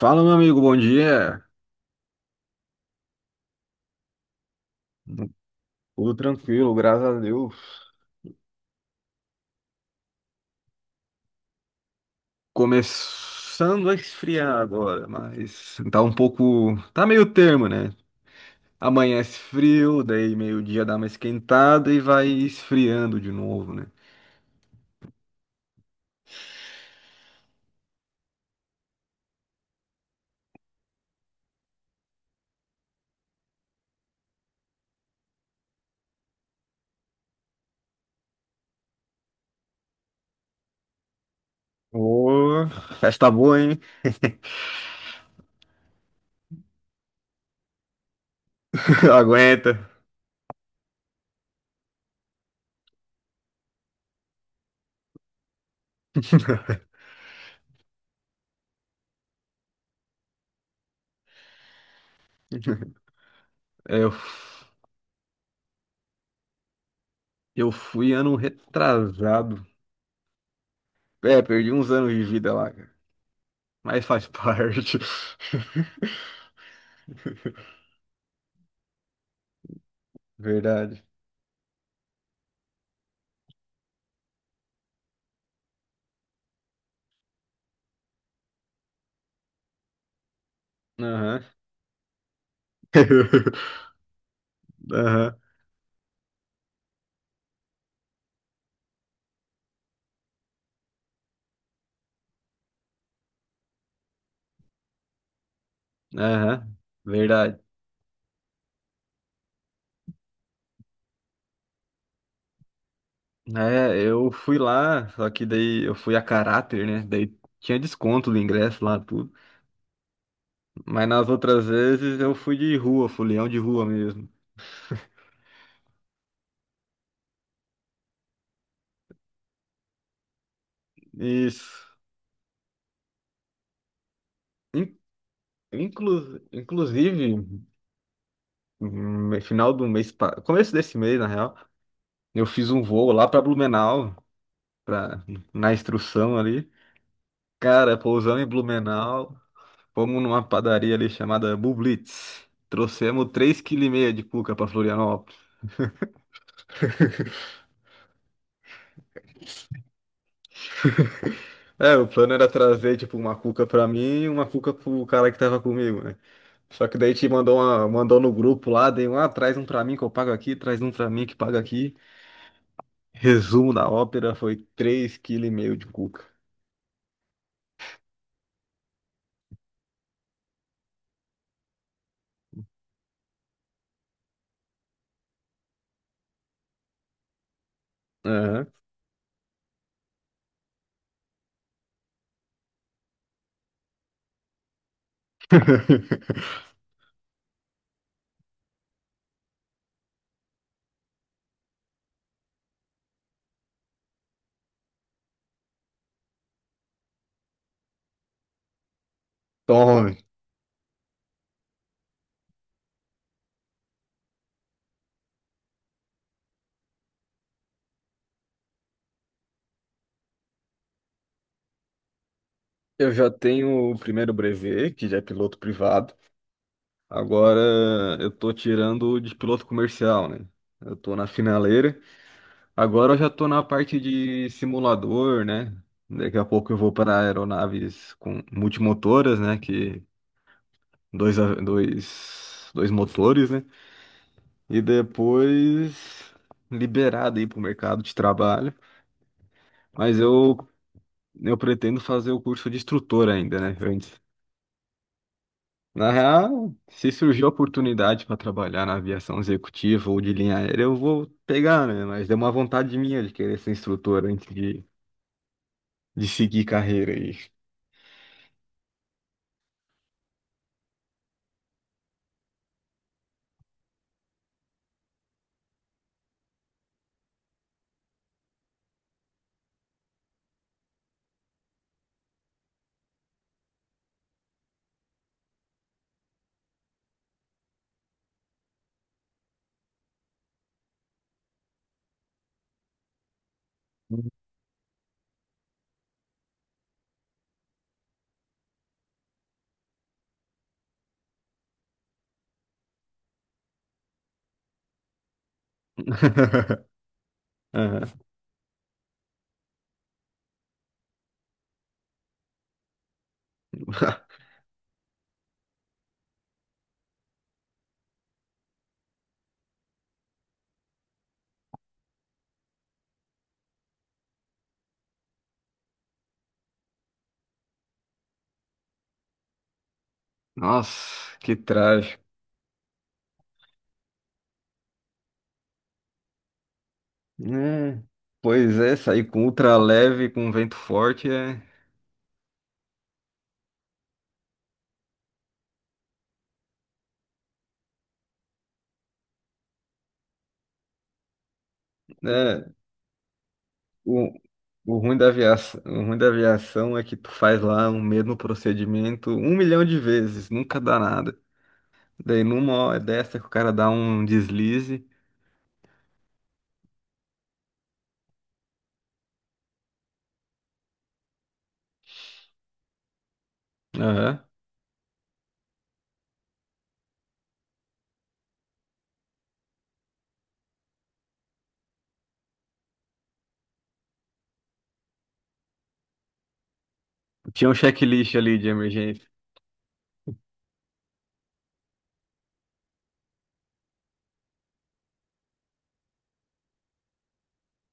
Fala, meu amigo, bom dia. Tudo tranquilo, graças a Deus. Começando a esfriar agora, mas tá um pouco. Tá meio termo, né? Amanhece frio, daí meio-dia dá uma esquentada e vai esfriando de novo, né? Ô, festa boa, hein? Aguenta. É, eu, eu fui ano retrasado. É, perdi uns anos de vida lá, cara. Mas faz parte. Verdade. Aham. Aham. Aham. Verdade. É, eu fui lá, só que daí eu fui a caráter, né? Daí tinha desconto do ingresso lá, tudo. Mas nas outras vezes eu fui de rua, fui leão de rua mesmo. Isso. In- Inclusive, no final do mês, começo desse mês, na real, eu fiz um voo lá pra Blumenau, pra, na instrução ali. Cara, pousamos em Blumenau. Fomos numa padaria ali chamada Bublitz. Trouxemos 3,5 kg de cuca pra Florianópolis. É, o plano era trazer, tipo, uma cuca pra mim e uma cuca pro cara que tava comigo, né? Só que daí te mandou, uma, mandou no grupo lá, dei um, ah, traz um pra mim que eu pago aqui, traz um pra mim que paga aqui. Resumo da ópera foi 3,5 kg de cuca. Aham. Tome. Eu já tenho o primeiro brevet, que já é piloto privado. Agora eu tô tirando o de piloto comercial, né? Eu tô na finaleira. Agora eu já estou na parte de simulador, né? Daqui a pouco eu vou para aeronaves com multimotoras, né? Que dois, dois motores, né? E depois liberado aí para o mercado de trabalho. Mas eu, eu pretendo fazer o curso de instrutor ainda, né? Antes. Na real, se surgir a oportunidade para trabalhar na aviação executiva ou de linha aérea, eu vou pegar, né? Mas é uma vontade minha de querer ser instrutor antes de seguir carreira aí. Aham. Nossa, que trágico. É, pois é, sair com ultra leve, com vento forte é, né, o, o ruim da aviação, o ruim da aviação é que tu faz lá o mesmo procedimento um milhão de vezes, nunca dá nada. Daí numa hora dessa que o cara dá um deslize. Aham. Tinha um checklist ali de emergência.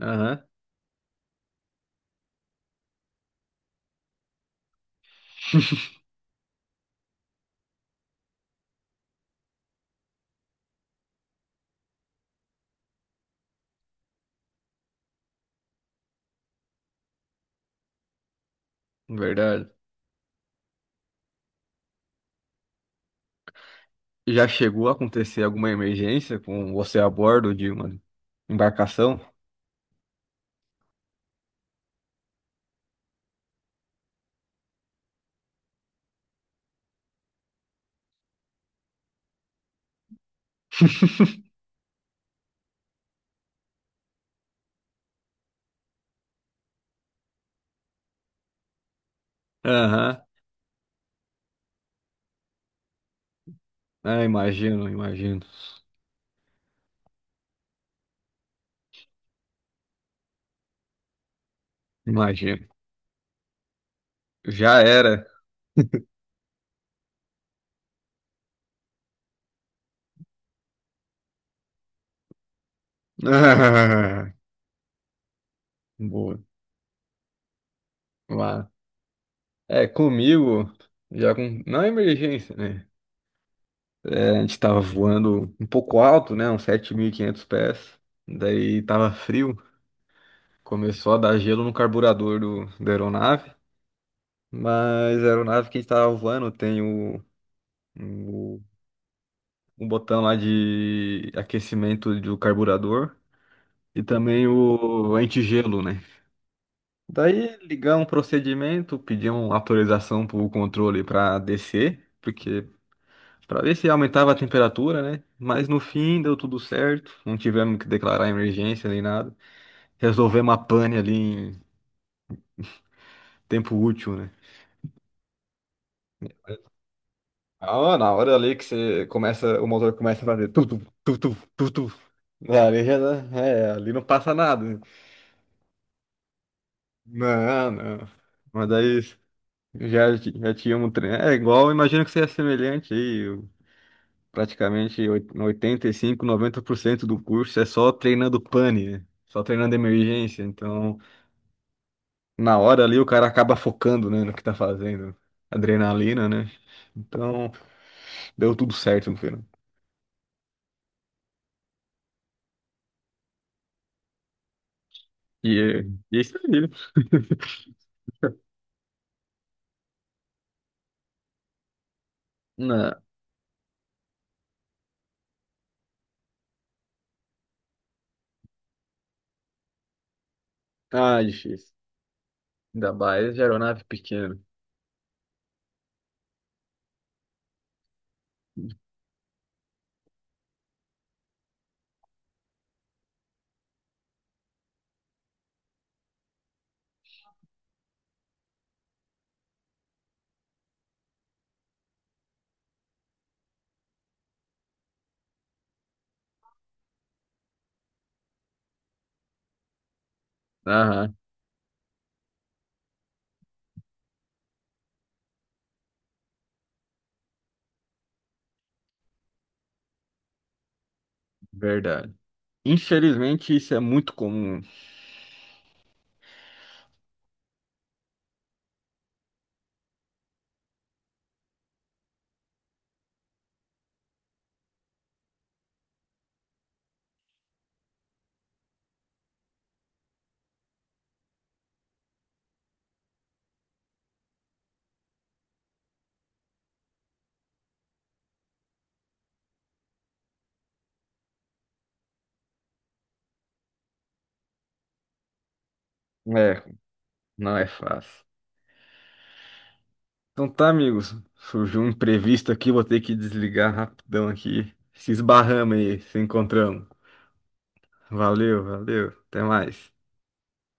Aham, verdade. Já chegou a acontecer alguma emergência com você a bordo de uma embarcação? Aham. Ah, imagino, imagino. Imagino. Já era. Ah, boa. Lá. É, comigo, já com. Não é emergência, né? É, a gente tava voando um pouco alto, né? Uns 7.500 pés. Daí tava frio. Começou a dar gelo no carburador do, da aeronave. Mas a aeronave que a gente tava voando tem o, o botão lá de aquecimento do carburador. E também o antigelo, né? Daí ligar um procedimento, pedir uma autorização para o controle para descer, porque para ver se aumentava a temperatura, né? Mas no fim deu tudo certo, não tivemos que declarar emergência nem nada. Resolvemos a pane ali em tempo útil, né? Ah, na hora ali que você começa, o motor começa a fazer tudo, tudo, tudo. Ali já, é, ali não passa nada. Né? Não, não. Mas daí já, já tínhamos treino. É igual, imagino que seja semelhante aí. Praticamente 85, 90% do curso é só treinando pane, né? Só treinando emergência. Então, na hora ali, o cara acaba focando, né, no que tá fazendo. Adrenalina, né? Então, deu tudo certo no final. E, é- e é isso aí. Na... Ah, difícil. Ainda mais de aeronave pequena. Aham, verdade. Infelizmente, isso é muito comum. É, não é fácil. Então tá, amigos. Surgiu um imprevisto aqui, vou ter que desligar rapidão aqui. Se esbarramos aí, se encontramos. Valeu, valeu. Até mais.